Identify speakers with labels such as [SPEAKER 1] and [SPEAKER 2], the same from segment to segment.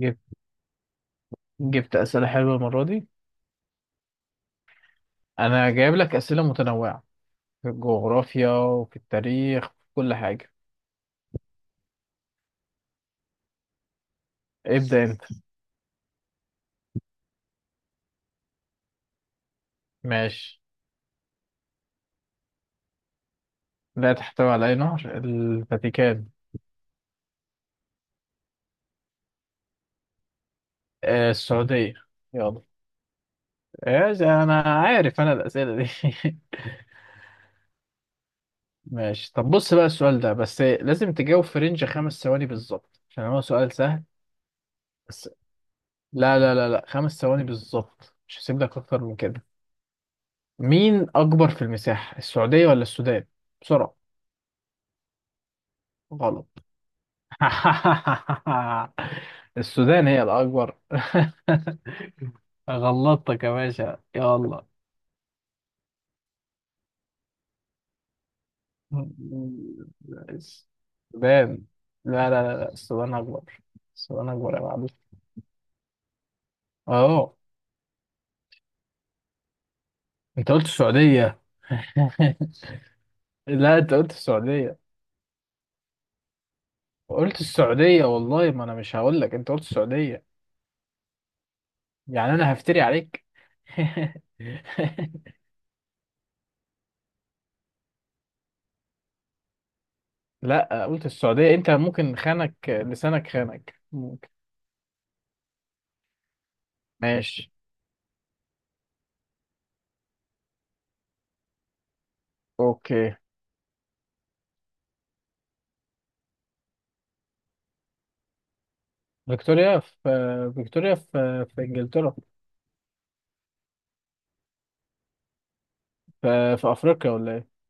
[SPEAKER 1] جبت جبت أسئلة حلوة المرة دي. أنا جايب لك أسئلة متنوعة في الجغرافيا وفي التاريخ في كل حاجة. ابدأ أنت. ماشي. لا تحتوي على أي نهر، الفاتيكان. آه السعودية. يلا. إيش أنا عارف أنا الأسئلة دي. ماشي. طب بص بقى السؤال ده بس لازم تجاوب في رينج 5 ثواني بالظبط عشان هو سؤال سهل. بس. لا لا لا لا، 5 ثواني بالظبط مش هسيب لك أكتر من كده. مين أكبر في المساحة، السعودية ولا السودان؟ بسرعة. غلط. السودان هي الأكبر. غلطتك يا باشا، يلا. السودان. لا لا لا لا، السودان أكبر. السودان أكبر يا معلم. أهو. أنت قلت السعودية. لا أنت قلت السعودية. قلت السعودية، والله ما أنا مش هقول لك. أنت قلت السعودية. يعني أنا هفتري عليك. لا قلت السعودية. أنت ممكن خانك لسانك، خانك ممكن. ماشي. أوكي. فيكتوريا في فيكتوريا في انجلترا. في افريقيا ولا ايه؟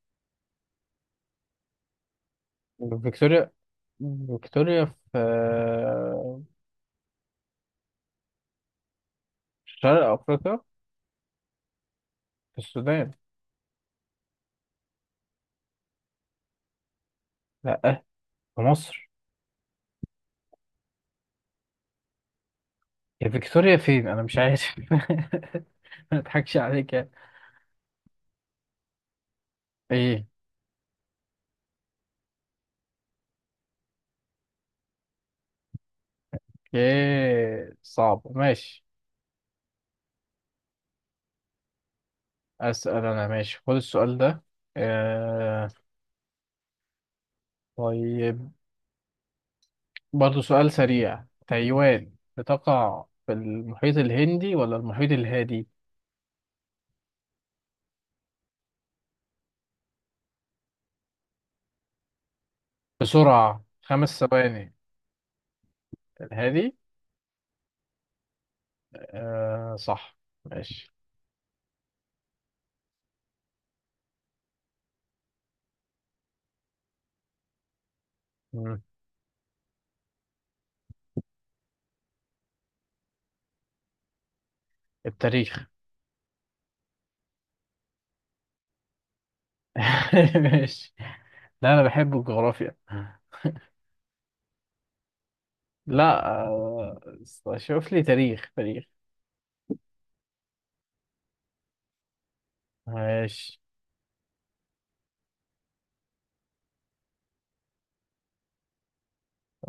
[SPEAKER 1] فيكتوريا فيكتوريا في شرق افريقيا. في السودان. لا. في مصر. هي فيكتوريا فين؟ انا مش عارف. ما اضحكش عليك يعني. ايه. ايه صعب. ماشي. اسال انا. ماشي، خد السؤال ده. آه... طيب. برضه سؤال سريع. تايوان بتقع في المحيط الهندي ولا المحيط الهادي؟ بسرعة، 5 ثواني. الهادي. آه صح. ماشي. مم. التاريخ. ماشي. لا أنا بحب الجغرافيا. لا آه. شوف لي تاريخ تاريخ. ماشي.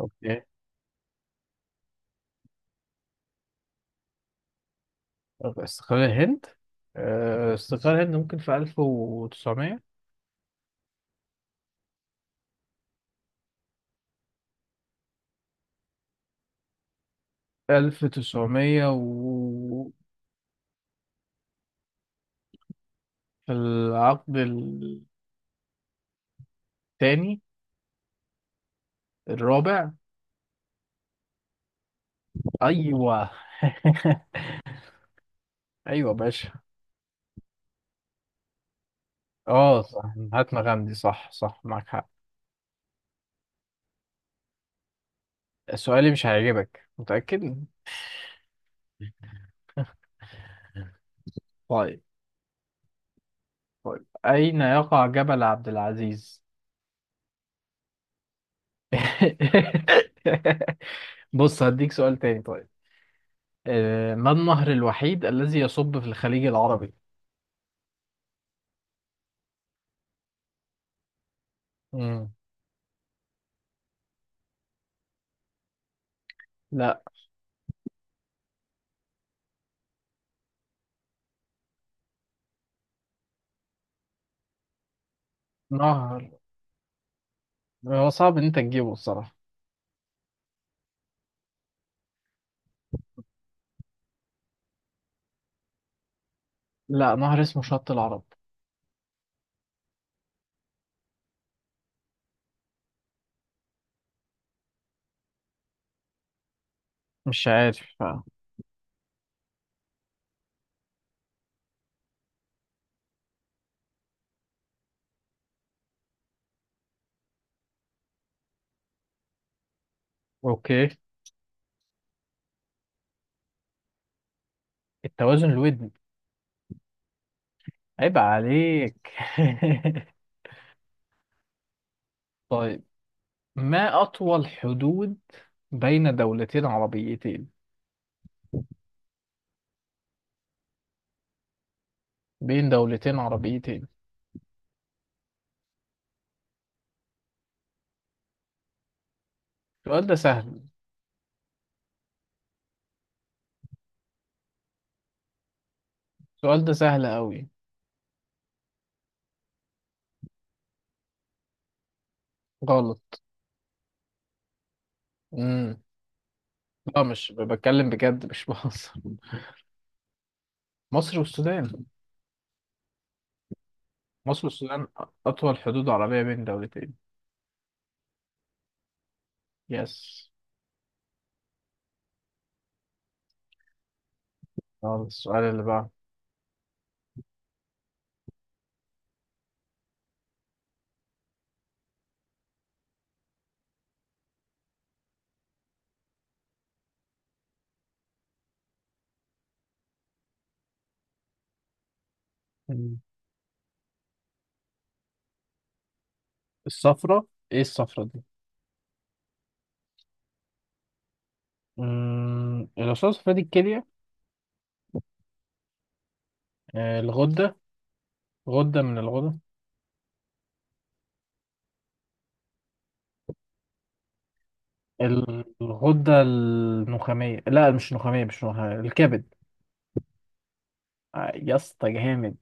[SPEAKER 1] أوكي. طب استقلال الهند. استقلال الهند ممكن في 1900. 1900 و في العقد الثاني. الرابع. أيوه. أيوه باشا. اه صح. هاتنا غمدي صح صح معاك حق. سؤالي مش هيعجبك، متأكد. طيب طيب. أين يقع جبل عبد العزيز؟ بص هديك سؤال تاني. طيب. ما النهر الوحيد الذي يصب في الخليج العربي؟ مم. لا. نهر. هو صعب ان انت تجيبه الصراحة. لا نهر اسمه شط العرب. مش عارف. اوكي. التوازن الودني. عيب عليك. طيب. ما أطول حدود بين دولتين عربيتين؟ بين دولتين عربيتين. السؤال ده سهل. السؤال ده سهل أوي. غلط. امم. لا مش بتكلم بجد، مش بهزر. مصر والسودان. مصر والسودان، أطول حدود عربية بين دولتين. يس. يلا السؤال اللي بعده. مم. الصفرة. إيه الصفرة دي؟ الأصوات الصفرا دي الكلية. الغدة. غدة من الغدة. الغدة النخامية. لا مش نخامية مش نخامية، الكبد. يا اسطى جامد.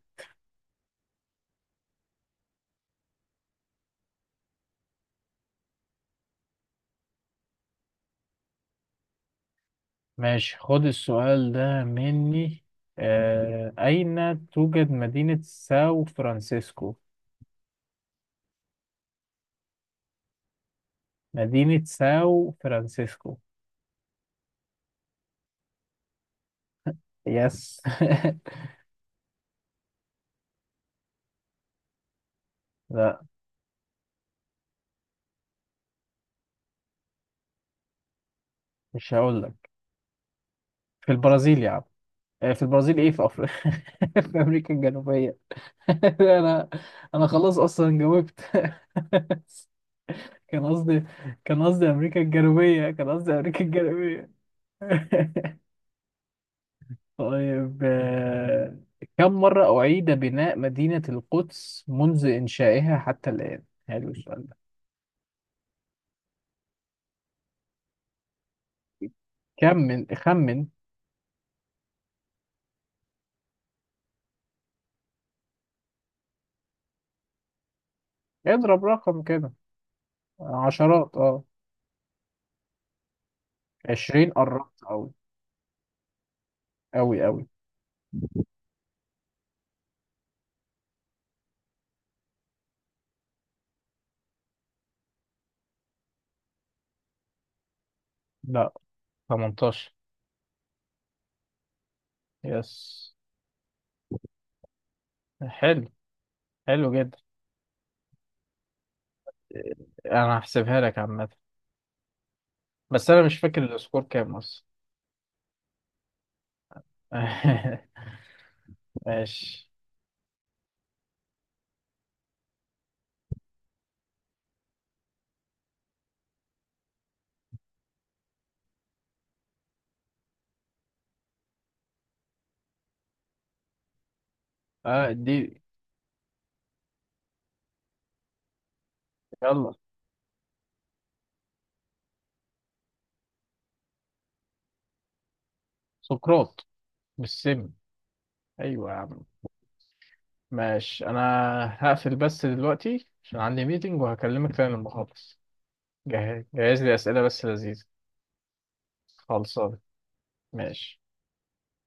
[SPEAKER 1] ماشي خد السؤال ده مني. أين توجد مدينة ساو فرانسيسكو؟ مدينة ساو فرانسيسكو. يس. لا مش هقول لك. في البرازيل يا عم. في البرازيل. ايه في افريقيا. في امريكا الجنوبية. انا انا خلاص اصلا جاوبت. كان قصدي. كان قصدي امريكا الجنوبية، كان قصدي امريكا الجنوبية. طيب كم مرة أعيد بناء مدينة القدس منذ إنشائها حتى الآن؟ حلو السؤال ده. كم، من خمن. اضرب رقم كده. عشرات 20 قربت أوي. أوي أوي. لا. 18. يس. حلو. حلو جدا. انا هحسبها لك عامة. بس انا مش فاكر السكور كام اصلا. ماشي. اه دي. يلا. سقراط. بالسم. ايوه يا عم. ماشي. انا هقفل بس دلوقتي عشان عندي ميتنج وهكلمك تاني لما اخلص. جهز جهز لي اسئله بس لذيذه. خلصان. ماشي